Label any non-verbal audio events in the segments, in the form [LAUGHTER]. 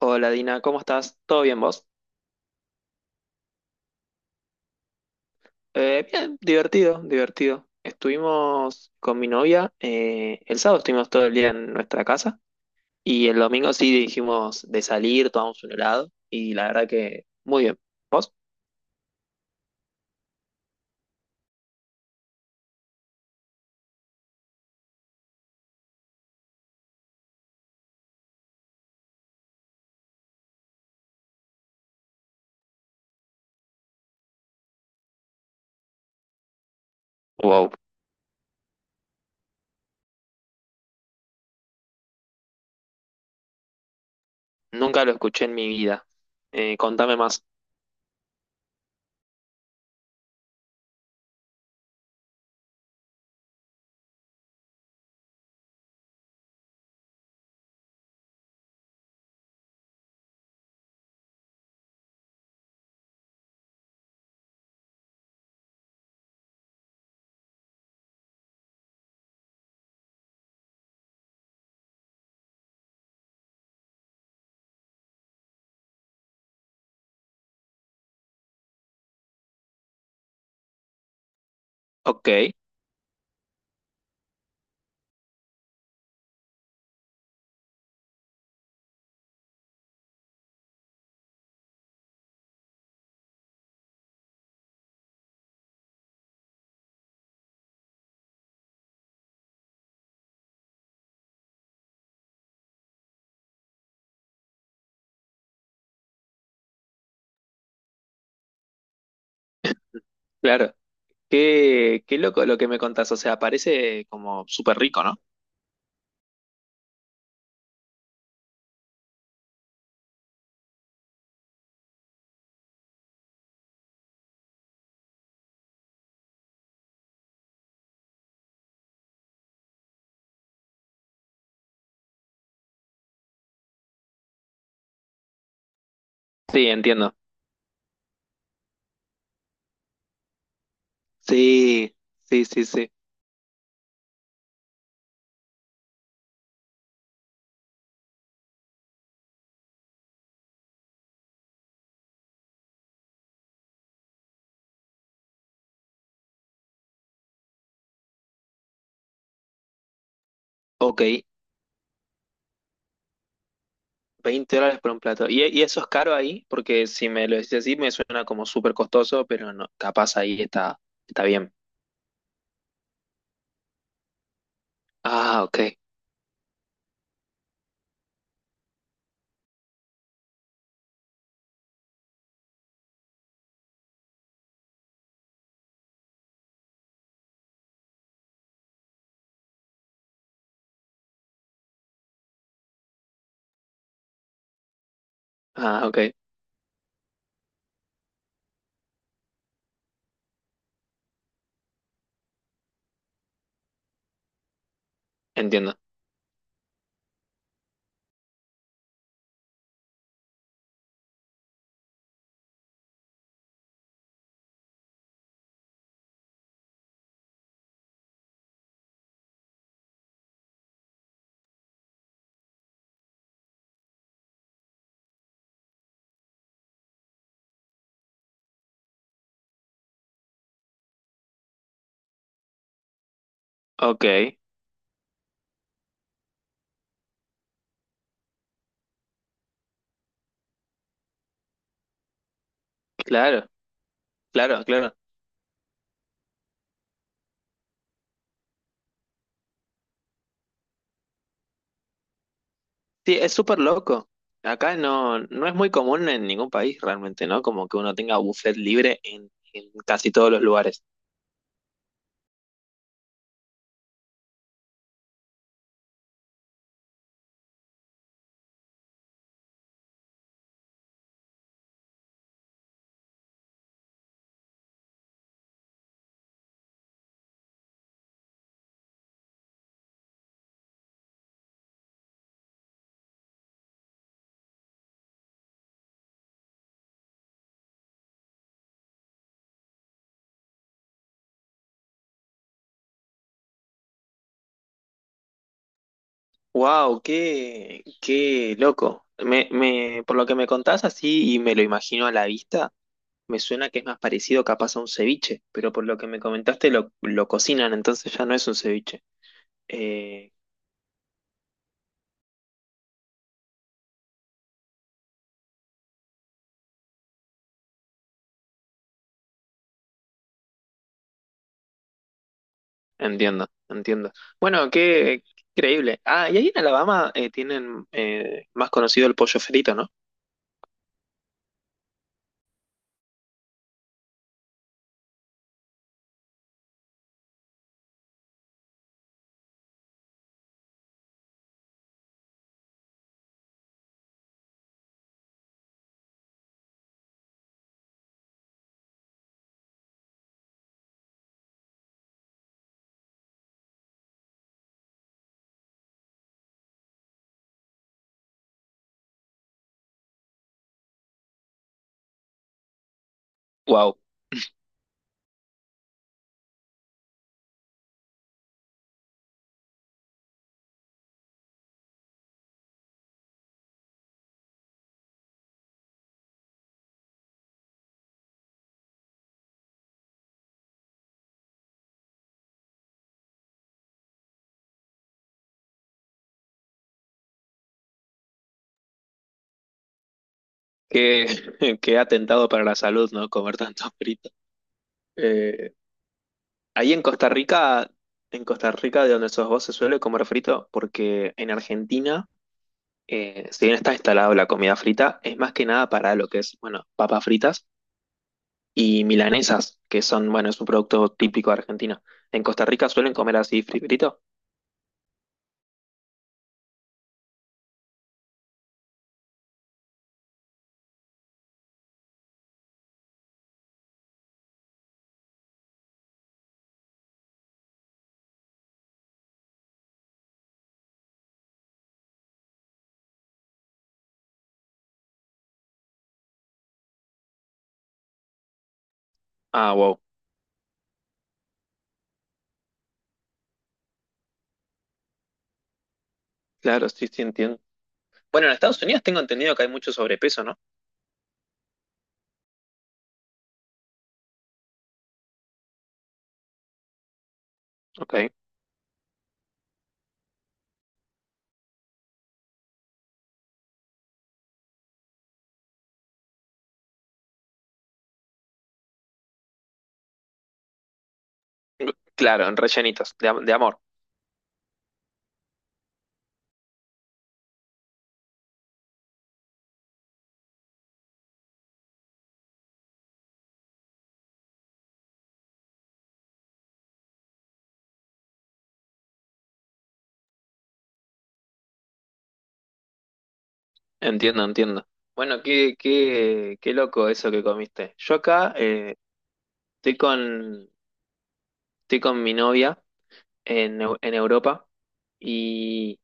Hola Dina, ¿cómo estás? ¿Todo bien vos? Bien, divertido, divertido. Estuvimos con mi novia, el sábado estuvimos todo el día en nuestra casa y el domingo sí dijimos de salir, tomamos un helado y la verdad que muy bien. ¿Vos? Wow, nunca lo escuché en mi vida. Contame más. Ok, claro. Qué loco lo que me contás, o sea, parece como súper rico, ¿no? Sí, entiendo. Sí, sí, sí, sí. Ok. 20 dólares por un plato. ¿Y eso es caro ahí? Porque si me lo decís así, me suena como súper costoso, pero no, capaz ahí está, está bien. Ah, ok. Ah, ok. Entiendo. Ok. Claro, claro, claro. Sí, es súper loco. Acá no, no es muy común en ningún país realmente, ¿no? Como que uno tenga buffet libre en casi todos los lugares. Wow, qué, qué loco. Por lo que me contás así y me lo imagino a la vista. Me suena que es más parecido capaz a un ceviche, pero por lo que me comentaste lo cocinan, entonces ya no es un ceviche. Eh, Entiendo, entiendo. Bueno, qué, qué increíble. Ah, y ahí en Alabama tienen más conocido el pollo frito, ¿no? Wow, qué, [LAUGHS] qué atentado para la salud, ¿no? Comer tanto frito. Eh, Ahí en Costa Rica, de donde sos vos, se suele comer frito, porque en Argentina, si bien está instalado la comida frita, es más que nada para lo que es, bueno, papas fritas y milanesas, que son, bueno, es un producto típico de Argentina. ¿En Costa Rica suelen comer así frito? Ah, wow. Claro, sí, sí, entiendo. Bueno, en Estados Unidos tengo entendido que hay mucho sobrepeso, ¿no? Ok. Claro, en rellenitos, de, de amor. Entiendo, entiendo. Bueno, qué, qué, qué loco eso que comiste. Yo acá estoy con, estoy con mi novia en, en Europa y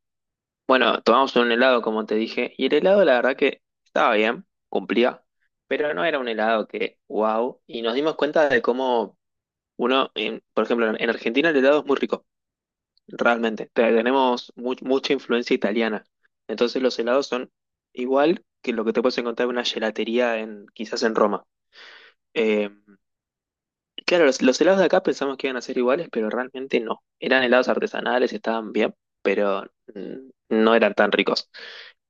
bueno, tomamos un helado, como te dije, y el helado la verdad que estaba bien, cumplía, pero no era un helado que, wow, y nos dimos cuenta de cómo uno, por ejemplo, en Argentina el helado es muy rico, realmente, tenemos mucha influencia italiana, entonces los helados son igual que lo que te puedes encontrar en una gelatería en, quizás en Roma. Eh, claro, los helados de acá pensamos que iban a ser iguales, pero realmente no, eran helados artesanales, estaban bien, pero mm, no eran tan ricos.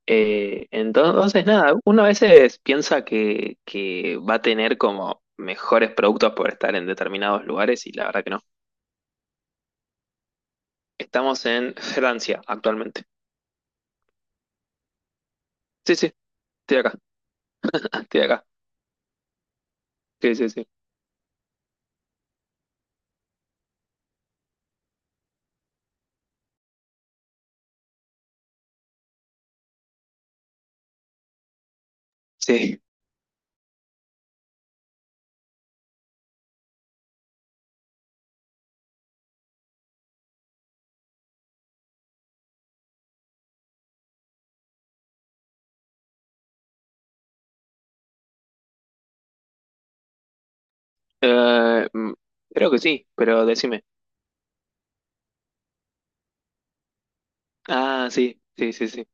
Entonces, nada, uno a veces piensa que va a tener como mejores productos por estar en determinados lugares y la verdad que no. Estamos en Francia actualmente. Sí, sí, estoy acá, [LAUGHS] estoy acá. Sí, sí, sí. Sí. Eh, mm, Creo que sí, pero decime. Ah, sí, sí, sí, sí.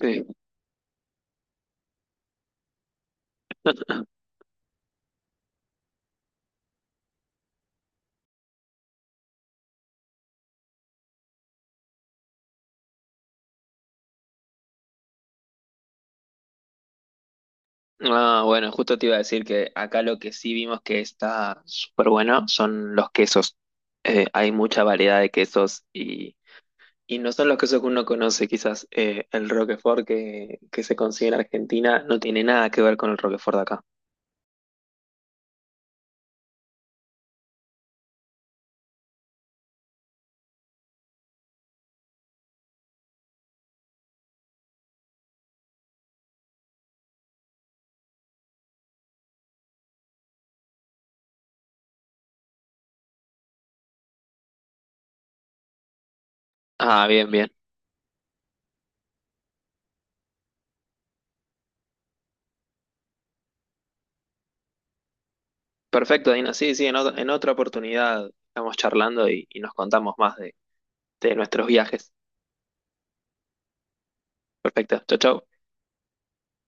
Sí. Ah, bueno, justo te iba a decir que acá lo que sí vimos que está súper bueno son los quesos. Hay mucha variedad de quesos y Y no son los casos que uno conoce, quizás el Roquefort que se consigue en Argentina no tiene nada que ver con el Roquefort de acá. Ah, bien, bien. Perfecto, Dina. Sí, sí, en, en otra oportunidad estamos charlando y nos contamos más de nuestros viajes. Perfecto. Chau, chau.